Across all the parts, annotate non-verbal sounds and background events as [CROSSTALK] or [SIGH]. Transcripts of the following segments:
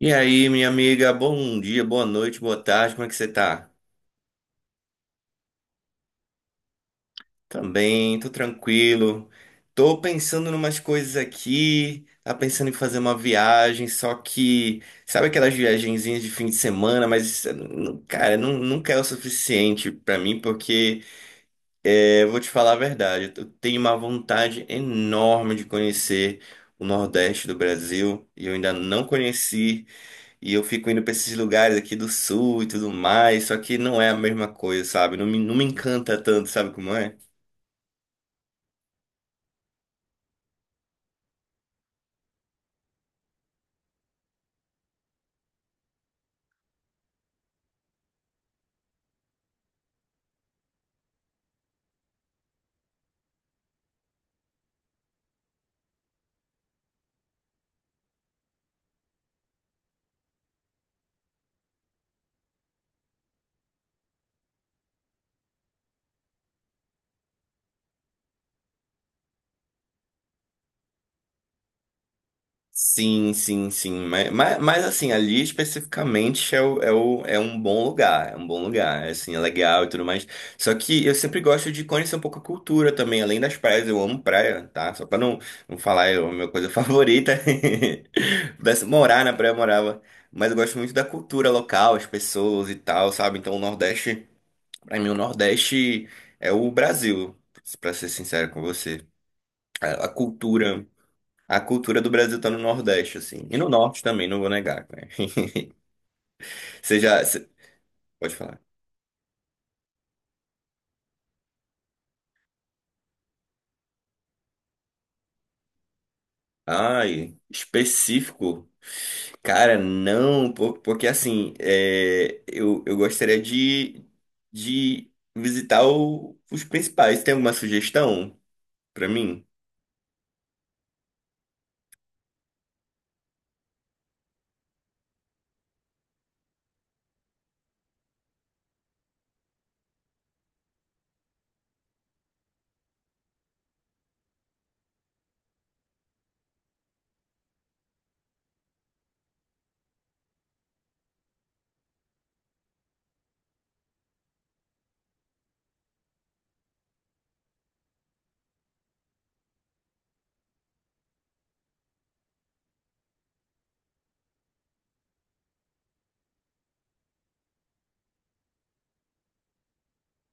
E aí, minha amiga, bom dia, boa noite, boa tarde, como é que você tá? Também, tô tranquilo. Tô pensando em umas coisas aqui, tá pensando em fazer uma viagem, só que, sabe aquelas viagenzinhas de fim de semana, mas, não- cara, não, nunca é o suficiente pra mim, porque, eu vou te falar a verdade, eu tenho uma vontade enorme de conhecer o Nordeste do Brasil e eu ainda não conheci. E eu fico indo pra esses lugares aqui do sul e tudo mais, só que não é a mesma coisa, sabe? Não me encanta tanto, sabe como é? Sim, sim, sim. Assim, ali especificamente é um bom lugar, é, assim, é legal e tudo mais. Só que eu sempre gosto de conhecer um pouco a cultura também, além das praias, eu amo praia, tá? Só pra não falar, é a minha coisa [LAUGHS] favorita. [LAUGHS] Pudesse morar na praia, eu morava. Mas eu gosto muito da cultura local, as pessoas e tal, sabe? Então o Nordeste. Para mim, o Nordeste é o Brasil, para ser sincero com você. A cultura, a cultura do Brasil tá no Nordeste, assim. E no Norte também, não vou negar, né? [LAUGHS] Você já, você- Pode falar. Ai, específico. Cara, não, po- Porque assim, eu gostaria de visitar os principais. Tem alguma sugestão para mim?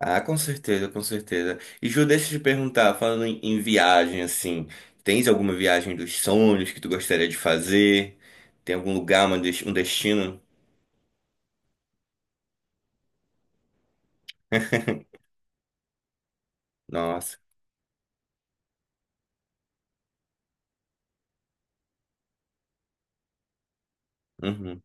Ah, com certeza, com certeza. E Ju, deixa eu te perguntar, falando em viagem, assim, tens alguma viagem dos sonhos que tu gostaria de fazer? Tem algum lugar, um destino? [LAUGHS] Nossa. Uhum.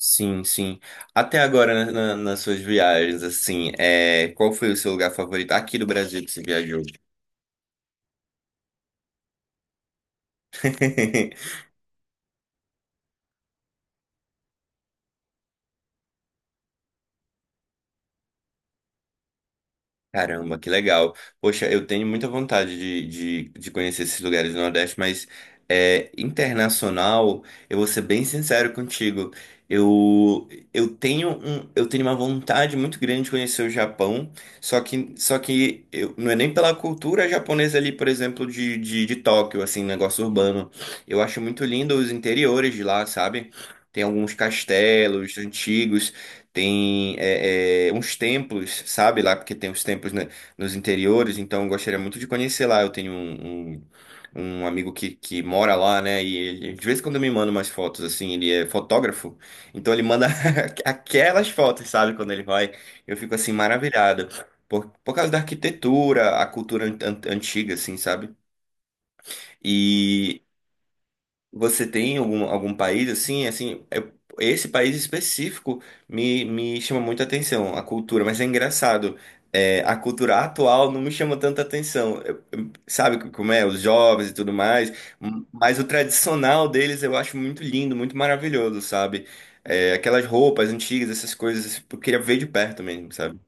Sim, sim. Até agora, nas suas viagens, assim, é, qual foi o seu lugar favorito aqui do Brasil que você viajou? [LAUGHS] Caramba, que legal. Poxa, eu tenho muita vontade de conhecer esses lugares do Nordeste, mas é, internacional, eu vou ser bem sincero contigo. Eu, eu tenho uma vontade muito grande de conhecer o Japão, só que eu, não é nem pela cultura japonesa ali, por exemplo, de Tóquio, assim, negócio urbano. Eu acho muito lindo os interiores de lá, sabe? Tem alguns castelos antigos. Tem uns templos, sabe, lá, porque tem uns templos né, nos interiores, então eu gostaria muito de conhecer lá. Eu tenho um, um, um amigo que mora lá, né? E ele, de vez em quando me manda umas fotos, assim, ele é fotógrafo, então ele manda [LAUGHS] aquelas fotos, sabe, quando ele vai. Eu fico assim, maravilhado. Por causa da arquitetura, a cultura antiga, assim, sabe? E você tem algum país assim, esse país específico me chama muita atenção, a cultura, mas é engraçado, é, a cultura atual não me chama tanta atenção. Sabe como é, os jovens e tudo mais, mas o tradicional deles eu acho muito lindo, muito maravilhoso, sabe? É, aquelas roupas antigas, essas coisas, eu queria ver de perto mesmo, sabe?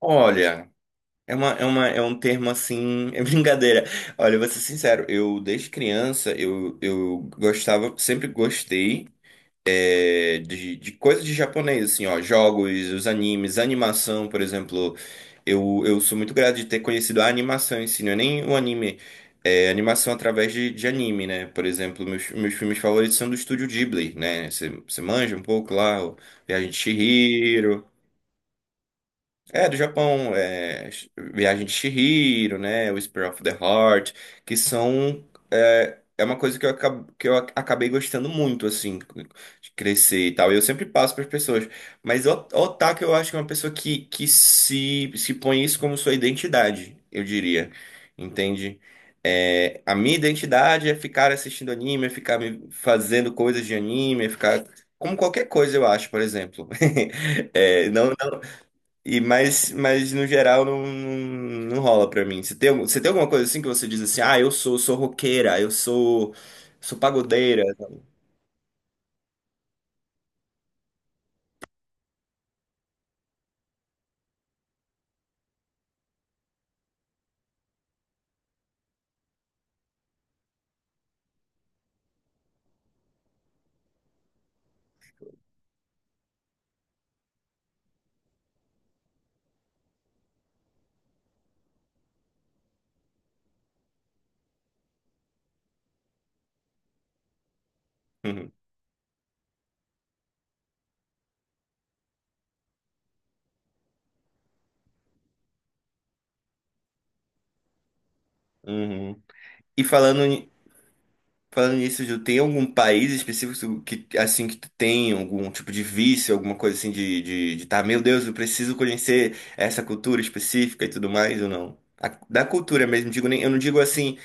Olha. É um termo assim, [LAUGHS] é brincadeira. Olha, eu vou ser sincero, eu desde criança, eu gostava, sempre gostei de coisas de japonês, assim, ó, jogos, os animes, animação, por exemplo. Eu sou muito grato de ter conhecido a animação em si, não é nem o anime, é animação através de anime, né? Por exemplo, meus filmes favoritos são do estúdio Ghibli, né? Você manja um pouco lá, o Viagem de Chihiro. É, do Japão, é, Viagem de Chihiro, né, o Whisper of the Heart, que são, é uma coisa que eu, acabei gostando muito, assim, de crescer e tal, e eu sempre passo para as pessoas, mas o otaku eu acho que é uma pessoa que se põe isso como sua identidade, eu diria, entende? É, a minha identidade é ficar assistindo anime, é ficar me fazendo coisas de anime, é ficar... Como qualquer coisa, eu acho, por exemplo. [LAUGHS] É, não e mas no geral não, não, não rola pra mim. Você tem, você tem alguma coisa assim que você diz assim, ah, sou roqueira, sou pagodeira. Uhum, uhum. E falando, falando nisso, Ju, tem algum país específico que assim que tu tem algum tipo de vício, alguma coisa assim de tá, meu Deus, eu preciso conhecer essa cultura específica e tudo mais ou não? Da cultura mesmo, digo nem, eu não digo assim.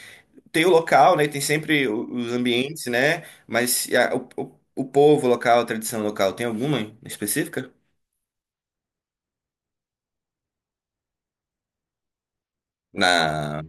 Tem o local, né? Tem sempre os ambientes, né? Mas o povo local, a tradição local, tem alguma específica? Na...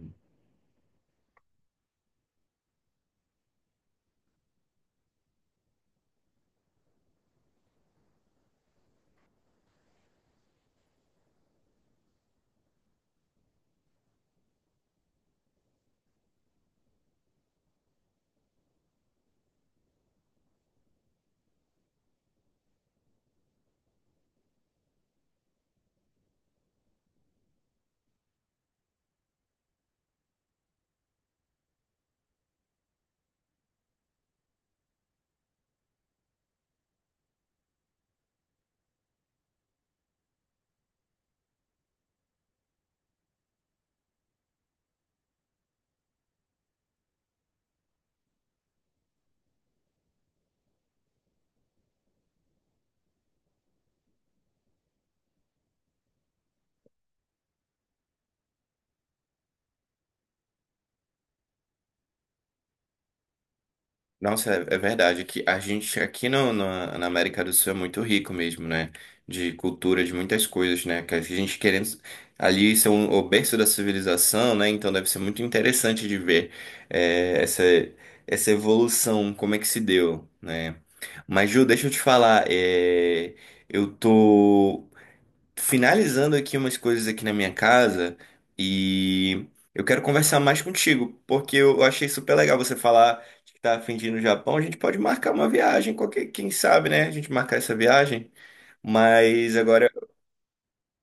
Nossa, é, é verdade que a gente aqui no, na, na América do Sul é muito rico mesmo, né? De cultura, de muitas coisas, né? Que a gente querendo ali ser o berço da civilização, né? Então deve ser muito interessante de ver eh, essa evolução, como é que se deu, né? Mas, Ju, deixa eu te falar, eh, eu tô finalizando aqui umas coisas aqui na minha casa e eu quero conversar mais contigo, porque eu achei super legal você falar que tá a fim de ir no Japão. A gente pode marcar uma viagem, qualquer, quem sabe, né? A gente marcar essa viagem, mas agora.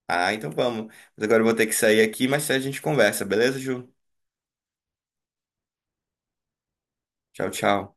Ah, então vamos. Mas agora eu vou ter que sair aqui, mas a gente conversa, beleza, Ju? Tchau, tchau.